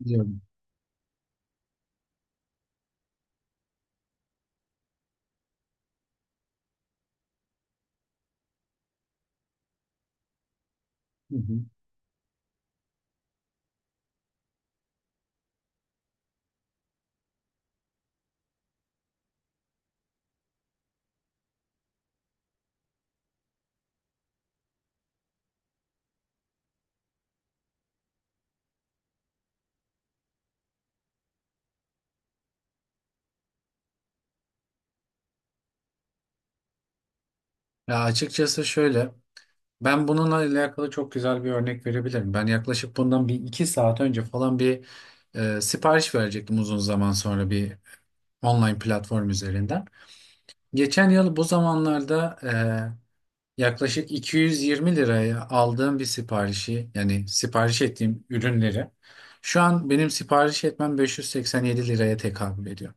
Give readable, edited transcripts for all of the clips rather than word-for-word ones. Biliyorum. Hı hı. Ya açıkçası şöyle, ben bununla alakalı çok güzel bir örnek verebilirim. Ben yaklaşık bundan bir iki saat önce falan bir sipariş verecektim uzun zaman sonra bir online platform üzerinden. Geçen yıl bu zamanlarda yaklaşık 220 liraya aldığım bir siparişi, yani sipariş ettiğim ürünleri, şu an benim sipariş etmem 587 liraya tekabül ediyor.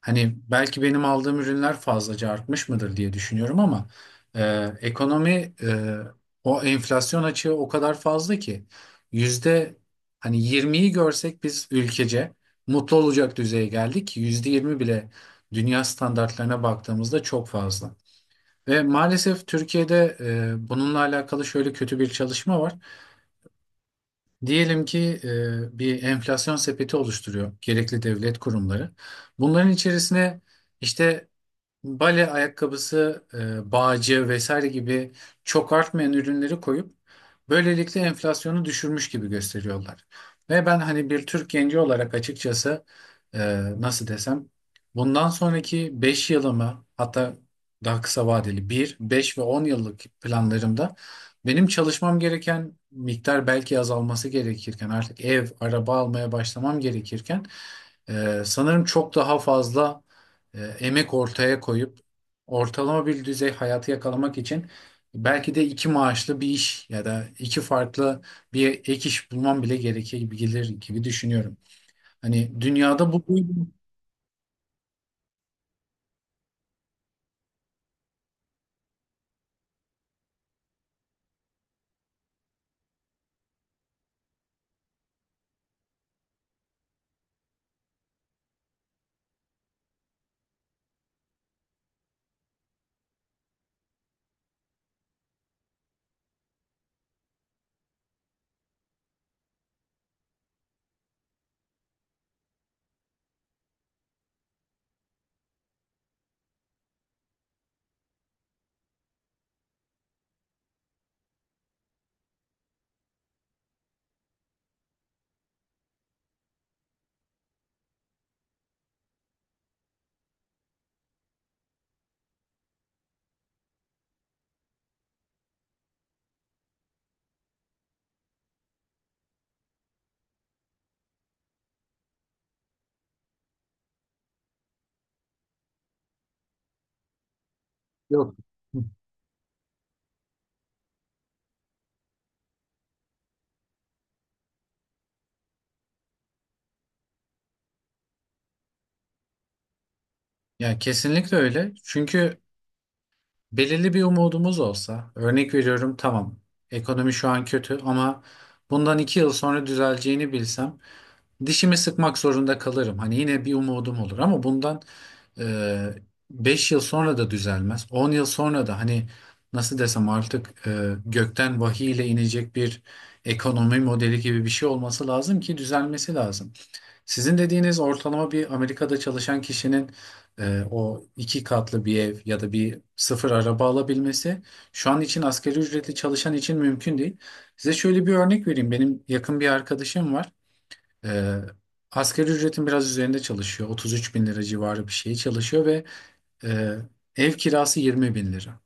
Hani belki benim aldığım ürünler fazlaca artmış mıdır diye düşünüyorum ama ekonomi, o enflasyon açığı o kadar fazla ki yüzde hani 20'yi görsek biz ülkece mutlu olacak düzeye geldik. Yüzde 20 bile dünya standartlarına baktığımızda çok fazla. Ve maalesef Türkiye'de bununla alakalı şöyle kötü bir çalışma var. Diyelim ki bir enflasyon sepeti oluşturuyor gerekli devlet kurumları. Bunların içerisine işte bale ayakkabısı, bağcı vesaire gibi çok artmayan ürünleri koyup böylelikle enflasyonu düşürmüş gibi gösteriyorlar. Ve ben hani bir Türk genci olarak açıkçası e, nasıl desem bundan sonraki 5 yılımı, hatta daha kısa vadeli bir 5 ve 10 yıllık planlarımda benim çalışmam gereken miktar belki azalması gerekirken artık ev, araba almaya başlamam gerekirken sanırım çok daha fazla emek ortaya koyup ortalama bir düzey hayatı yakalamak için belki de iki maaşlı bir iş ya da iki farklı bir ek iş bulmam bile gerekebilir gibi gelir gibi düşünüyorum. Hani dünyada bu yok. Ya kesinlikle öyle. Çünkü belirli bir umudumuz olsa, örnek veriyorum tamam, ekonomi şu an kötü ama bundan 2 yıl sonra düzeleceğini bilsem dişimi sıkmak zorunda kalırım. Hani yine bir umudum olur ama bundan 5 yıl sonra da düzelmez. 10 yıl sonra da hani nasıl desem artık gökten vahiy ile inecek bir ekonomi modeli gibi bir şey olması lazım ki düzelmesi lazım. Sizin dediğiniz ortalama bir Amerika'da çalışan kişinin o 2 katlı bir ev ya da bir sıfır araba alabilmesi şu an için asgari ücretli çalışan için mümkün değil. Size şöyle bir örnek vereyim. Benim yakın bir arkadaşım var. Ee, Asgari ücretin biraz üzerinde çalışıyor. 33 bin lira civarı bir şey çalışıyor ve e, ev kirası 20 bin lira.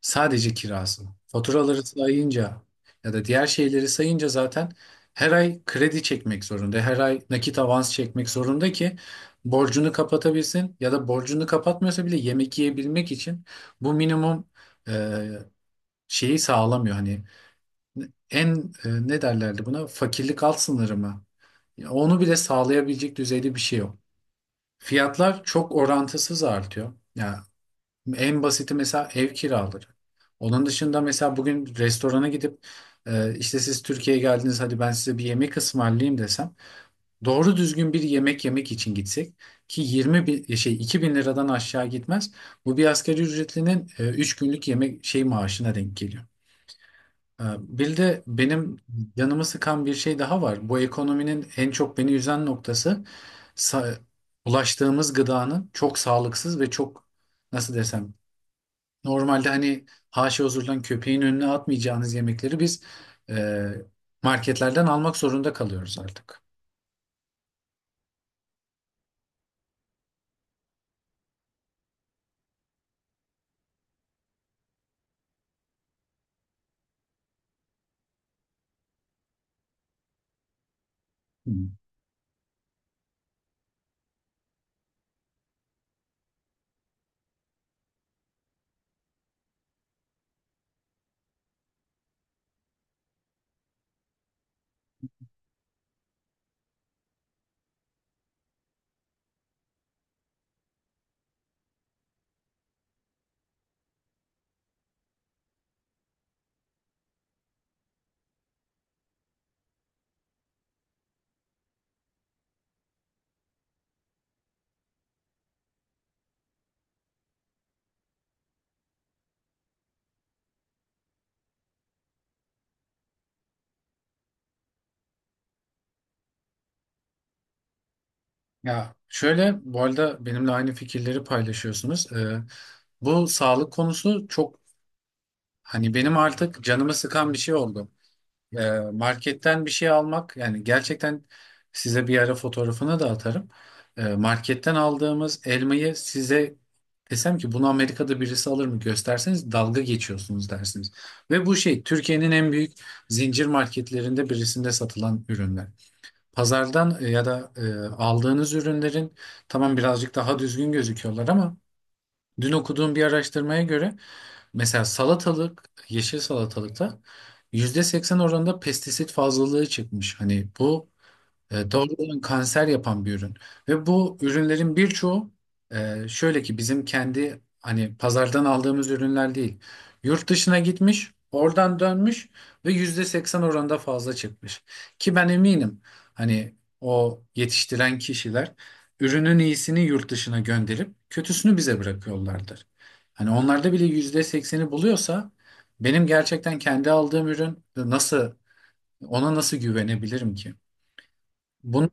Sadece kirası. Faturaları sayınca ya da diğer şeyleri sayınca zaten her ay kredi çekmek zorunda. Her ay nakit avans çekmek zorunda ki borcunu kapatabilsin ya da borcunu kapatmıyorsa bile yemek yiyebilmek için bu minimum e, şeyi sağlamıyor. Hani en, ne derlerdi buna? Fakirlik alt sınırı mı? Ya onu bile sağlayabilecek düzeyde bir şey yok. Fiyatlar çok orantısız artıyor. Ya en basiti mesela ev kiraları. Onun dışında mesela bugün restorana gidip işte siz Türkiye'ye geldiniz, hadi ben size bir yemek ısmarlayayım desem, doğru düzgün bir yemek yemek için gitsek ki 20 bin, 2 bin liradan aşağı gitmez. Bu bir asgari ücretlinin 3 günlük yemek şey maaşına denk geliyor. Bir de benim canımı sıkan bir şey daha var. Bu ekonominin en çok beni üzen noktası sa- ulaştığımız gıdanın çok sağlıksız ve çok, nasıl desem, normalde hani haşa huzurdan köpeğin önüne atmayacağınız yemekleri biz e, marketlerden almak zorunda kalıyoruz artık. Hı. Ya şöyle, bu arada benimle aynı fikirleri paylaşıyorsunuz. Bu sağlık konusu çok, hani benim artık canımı sıkan bir şey oldu. Marketten bir şey almak, yani gerçekten size bir ara fotoğrafını da atarım. Marketten aldığımız elmayı size desem ki bunu Amerika'da birisi alır mı, gösterseniz dalga geçiyorsunuz dersiniz. Ve bu şey Türkiye'nin en büyük zincir marketlerinde birisinde satılan ürünler. Pazardan ya da aldığınız ürünlerin tamam birazcık daha düzgün gözüküyorlar ama dün okuduğum bir araştırmaya göre mesela salatalık, yeşil salatalıkta %80 oranında pestisit fazlalığı çıkmış. Hani bu doğrudan kanser yapan bir ürün. Ve bu ürünlerin birçoğu şöyle ki bizim kendi hani pazardan aldığımız ürünler değil. Yurt dışına gitmiş, oradan dönmüş ve %80 oranında fazla çıkmış. Ki ben eminim hani o yetiştiren kişiler ürünün iyisini yurt dışına gönderip kötüsünü bize bırakıyorlardır. Hani onlarda bile %80'i buluyorsa, benim gerçekten kendi aldığım ürün nasıl, ona nasıl güvenebilirim ki? Bunu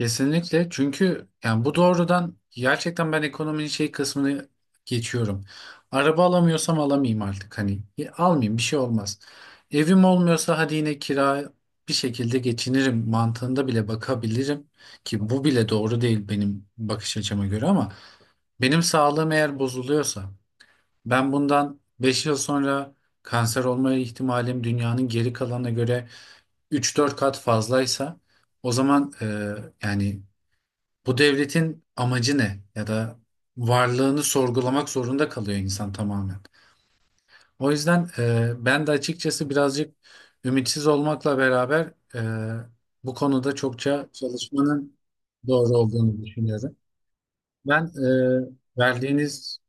Kesinlikle, çünkü yani bu doğrudan, gerçekten ben ekonominin şey kısmını geçiyorum. Araba alamıyorsam alamayayım artık, hani almayayım, bir şey olmaz. Evim olmuyorsa hadi yine kira, bir şekilde geçinirim mantığında bile bakabilirim, ki bu bile doğru değil benim bakış açıma göre, ama benim sağlığım eğer bozuluyorsa, ben bundan 5 yıl sonra kanser olma ihtimalim dünyanın geri kalanına göre üç dört kat fazlaysa, o zaman yani bu devletin amacı ne? Ya da varlığını sorgulamak zorunda kalıyor insan, tamamen. O yüzden ben de açıkçası birazcık ümitsiz olmakla beraber bu konuda çokça çalışmanın doğru olduğunu düşünüyorum. Ben verdiğiniz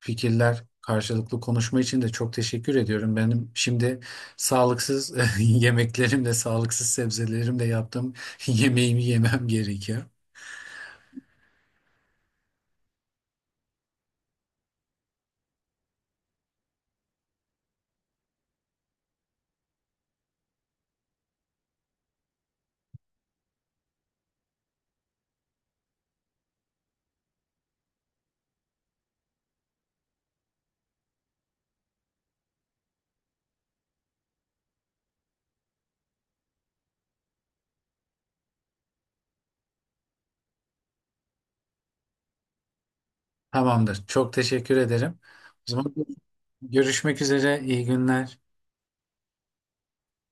fikirler, karşılıklı konuşma için de çok teşekkür ediyorum. Benim şimdi sağlıksız yemeklerimle, sağlıksız sebzelerimle yaptığım yemeğimi yemem gerekiyor. Tamamdır. Çok teşekkür ederim. O zaman görüşmek üzere. İyi günler.